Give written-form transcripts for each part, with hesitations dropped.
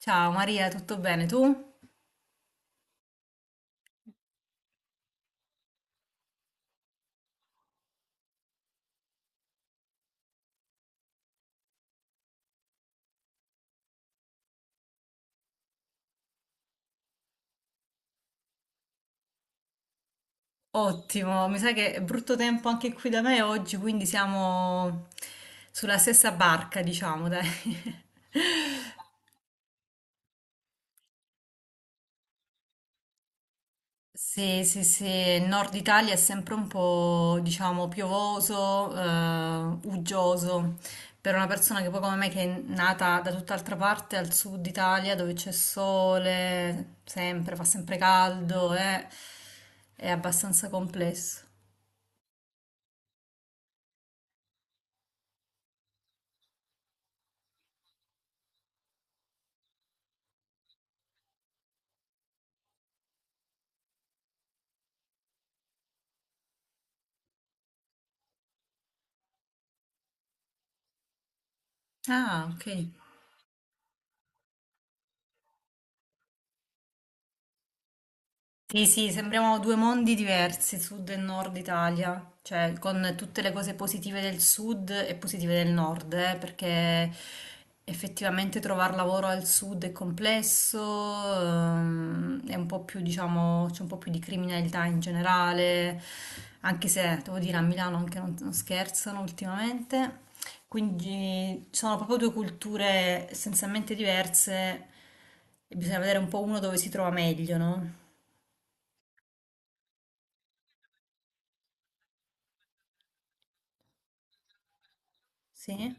Ciao Maria, tutto bene tu? Ottimo, mi sa che è brutto tempo anche qui da me oggi, quindi siamo sulla stessa barca, diciamo, dai. Sì, sì, sì, il nord Italia è sempre un po', diciamo, piovoso, uggioso. Per una persona che poi come me che è nata da tutt'altra parte, al sud Italia, dove c'è sole, sempre, fa sempre caldo, è abbastanza complesso. Ah, ok. Sì, sì, sembriamo due mondi diversi, sud e nord Italia, cioè con tutte le cose positive del sud e positive del nord, perché effettivamente trovare lavoro al sud è complesso, è un po' più, diciamo, c'è un po' più di criminalità in generale, anche se, devo dire, a Milano anche non scherzano ultimamente, quindi ci sono proprio due culture essenzialmente diverse e bisogna vedere un po' uno dove si trova meglio, no? Sì,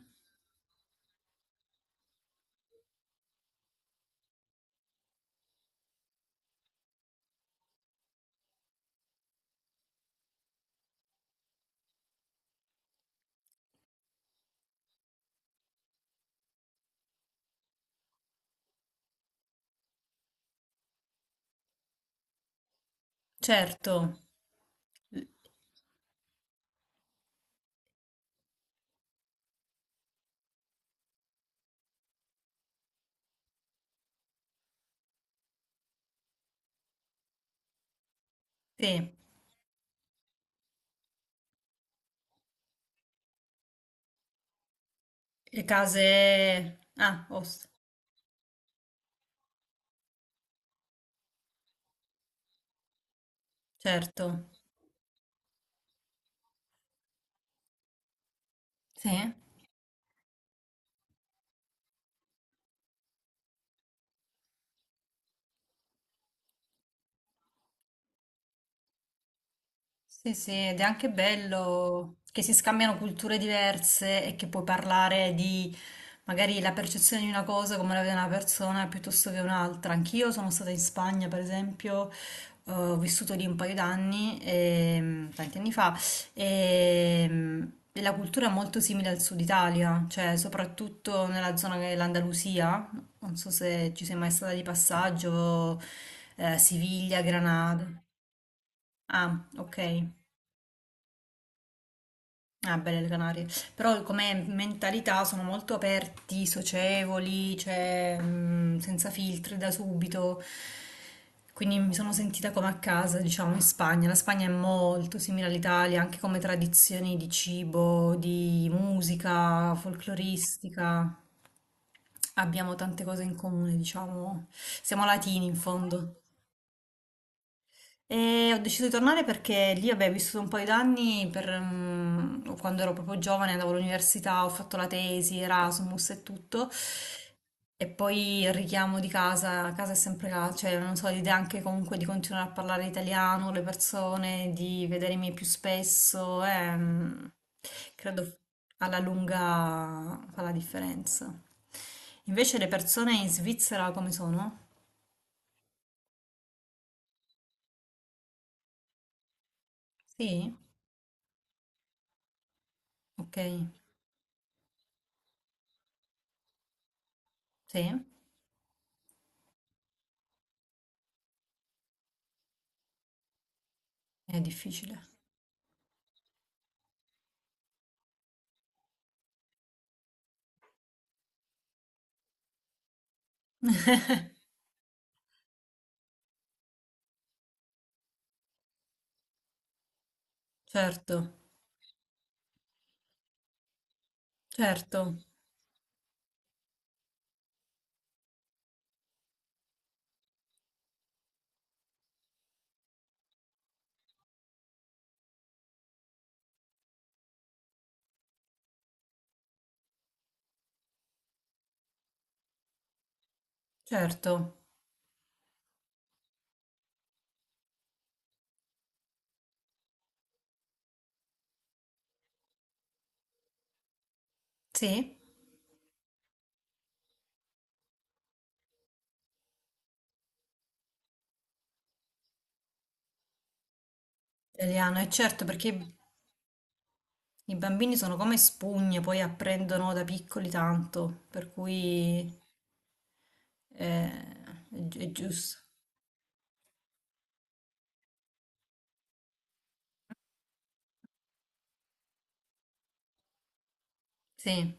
certo, sì. Ah, host, certo, sì. Sì, sì, ed è anche bello che si scambiano culture diverse e che puoi parlare di magari la percezione di una cosa come la vede una persona piuttosto che un'altra. Anch'io sono stata in Spagna, per esempio, ho vissuto lì un paio d'anni, tanti anni fa, e la cultura è molto simile al sud Italia, cioè soprattutto nella zona dell'Andalusia, non so se ci sei mai stata di passaggio, Siviglia, Granada. Ah, ok. Ah, belle le Canarie. Però come mentalità sono molto aperti, socievoli, cioè, senza filtri da subito. Quindi mi sono sentita come a casa, diciamo, in Spagna. La Spagna è molto simile all'Italia, anche come tradizioni di cibo, di musica, folcloristica. Abbiamo tante cose in comune, diciamo. Siamo latini in fondo. E ho deciso di tornare perché lì avevo vissuto un paio d'anni quando ero proprio giovane, andavo all'università, ho fatto la tesi, Erasmus e tutto. E poi il richiamo di casa, casa è sempre casa, cioè non so, l'idea anche comunque di continuare a parlare italiano, le persone, di vedermi più spesso, credo alla lunga fa la differenza. Invece le persone in Svizzera come sono? Sì? Ok, sì, è difficile. Certo, certo, certo, sì, italiano, è certo perché i bambini sono come spugne, poi apprendono da piccoli tanto, per cui è giusto. Sì,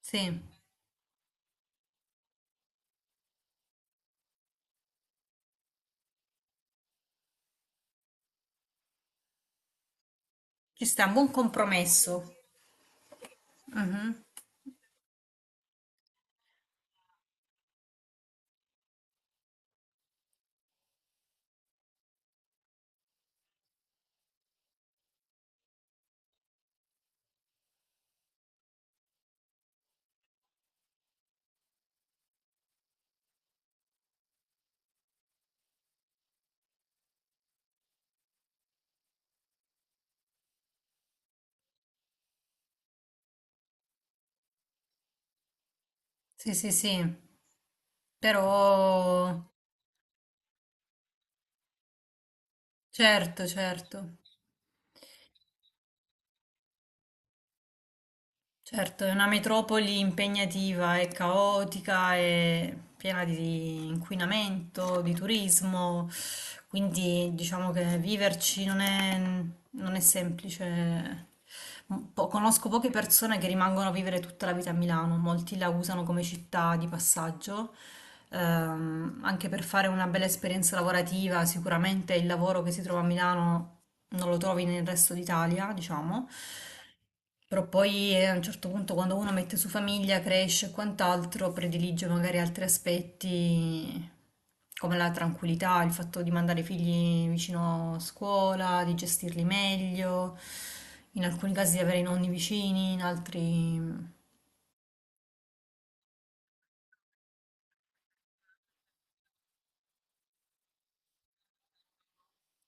sì, ci sta un buon compromesso. Mhm. Sì, sì, sì, però certo, certo. Certo, è una metropoli impegnativa, è caotica, è piena di inquinamento, di turismo, quindi diciamo che viverci non è semplice. Conosco poche persone che rimangono a vivere tutta la vita a Milano, molti la usano come città di passaggio, anche per fare una bella esperienza lavorativa, sicuramente il lavoro che si trova a Milano non lo trovi nel resto d'Italia, diciamo. Però poi a un certo punto quando uno mette su famiglia, cresce e quant'altro, predilige magari altri aspetti come la tranquillità, il fatto di mandare i figli vicino a scuola, di gestirli meglio, in alcuni casi di avere i nonni vicini, in altri.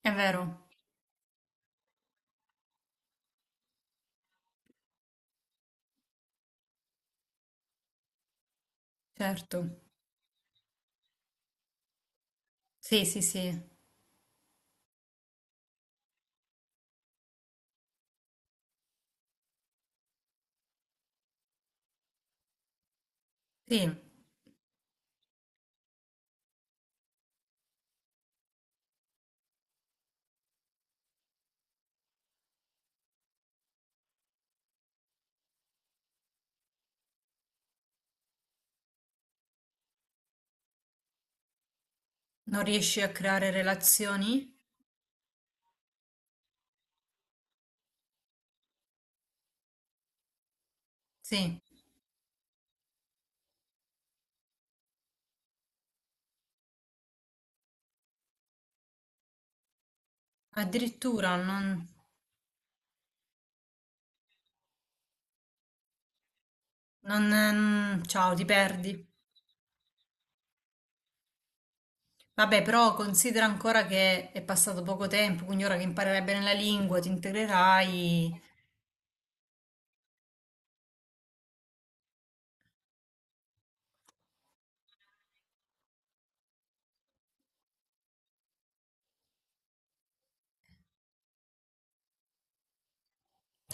È vero, certo. Sì, sì, sì. Sì. Non riesci a creare relazioni? Sì. Addirittura non. Ciao, ti perdi. Vabbè, però considera ancora che è passato poco tempo, quindi ora che imparerai bene la lingua, ti integrerai.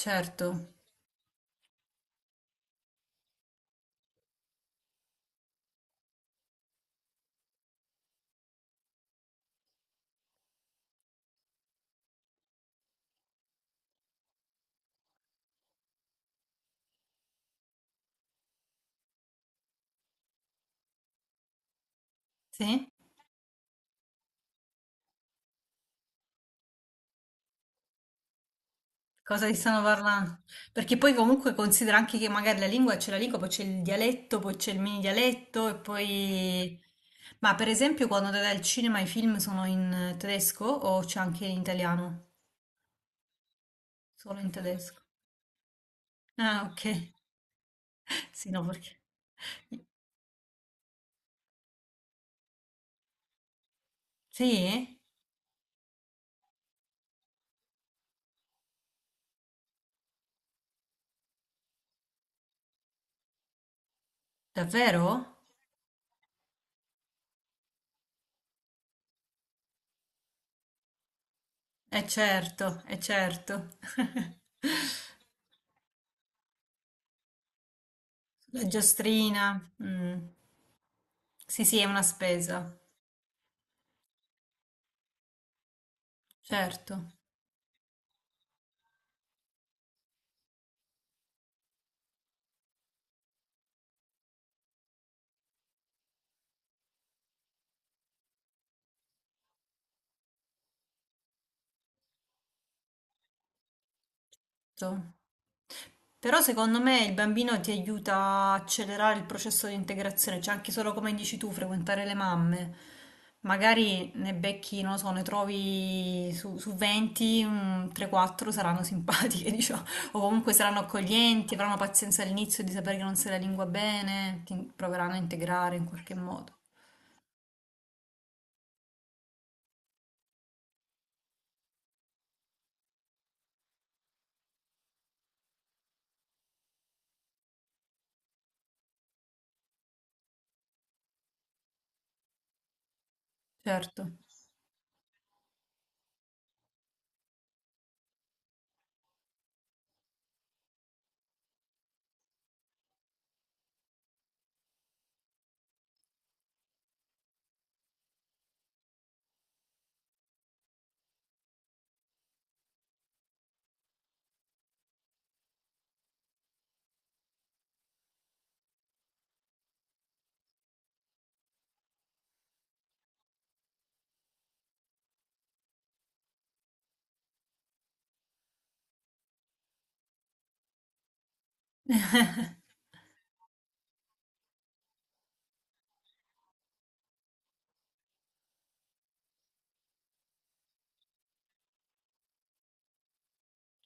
Certo, sì? Cosa ti stanno parlando? Perché poi comunque considera anche che magari la lingua c'è la lingua, poi c'è il dialetto, poi c'è il mini dialetto e poi. Ma per esempio quando andate al cinema i film sono in tedesco o c'è anche in italiano? Solo in tedesco. Ah, ok. Sì, no, perché. Sì? Davvero? E certo, e certo. La giostrina, mm. Sì, sì, è una spesa, certo. So. Però secondo me il bambino ti aiuta a accelerare il processo di integrazione, cioè anche solo come dici tu, frequentare le mamme. Magari ne becchi, non lo so, ne trovi su 20, 3-4 saranno simpatiche, diciamo, o comunque saranno accoglienti, avranno pazienza all'inizio di sapere che non sai la lingua bene, ti proveranno a integrare in qualche modo. Certo.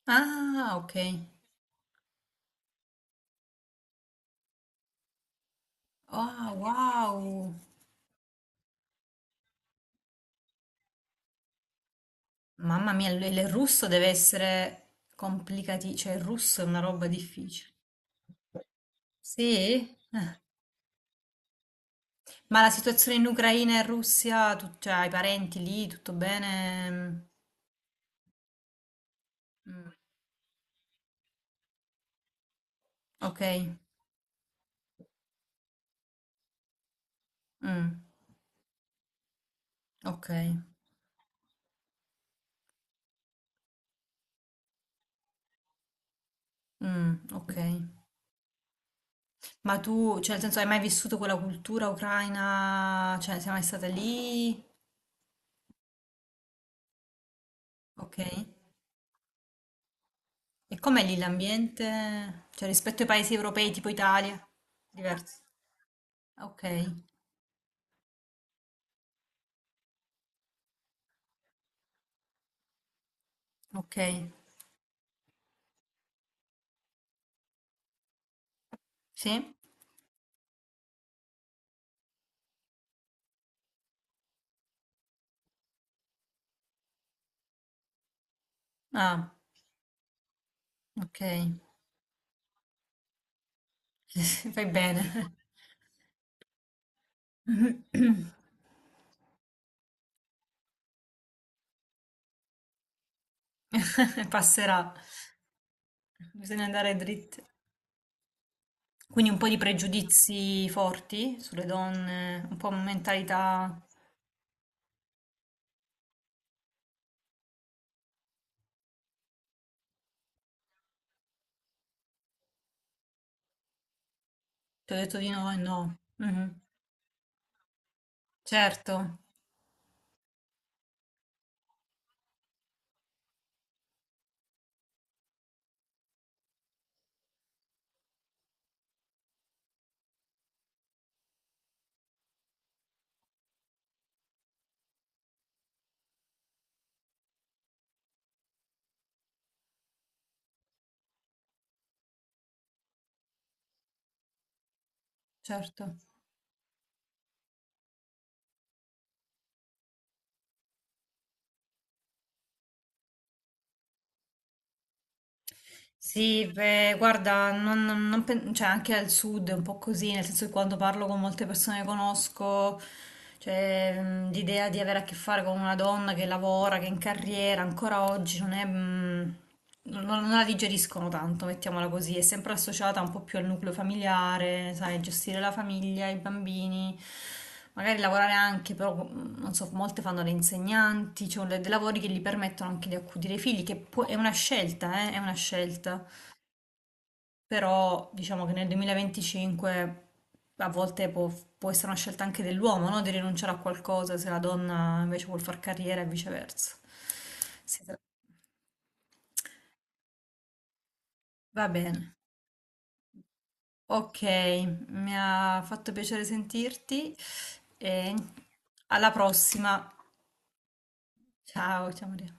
Ah, ok. Ah, wow! Mamma mia, il russo deve essere complicati, cioè il russo è una roba difficile. Sì? Eh. Ma la situazione in Ucraina e Russia, tu, cioè, hai parenti lì, tutto bene? Mm, ok, Mm, ok, Mm, ok. Ma tu, cioè, nel senso, hai mai vissuto quella cultura ucraina? Cioè, sei mai stata lì? Ok. E com'è lì l'ambiente? Cioè rispetto ai paesi europei tipo Italia? Diverso. Ok, ok. Sì? Ah, ok. Fai bene. Passerà. Bisogna andare dritti. Quindi un po' di pregiudizi forti sulle donne, un po' mentalità, ti ho detto di no e no. Mhm. Certo, certo. Sì, beh, guarda, non- non- non pen- cioè, anche al sud è un po' così, nel senso che quando parlo con molte persone che conosco, cioè, l'idea di avere a che fare con una donna che lavora, che è in carriera, ancora oggi non è, non la digeriscono tanto, mettiamola così, è sempre associata un po' più al nucleo familiare, sai, gestire la famiglia, i bambini. Magari lavorare anche, però non so, molte fanno le insegnanti, cioè le dei lavori che gli permettono anche di accudire i figli, che può è una scelta, è una scelta. Però diciamo che nel 2025 a volte può essere una scelta anche dell'uomo, no? Di rinunciare a qualcosa se la donna invece vuol far carriera e viceversa. Si tra- Va bene. Ok, mi ha fatto piacere sentirti e alla prossima. Ciao, ciao Maria.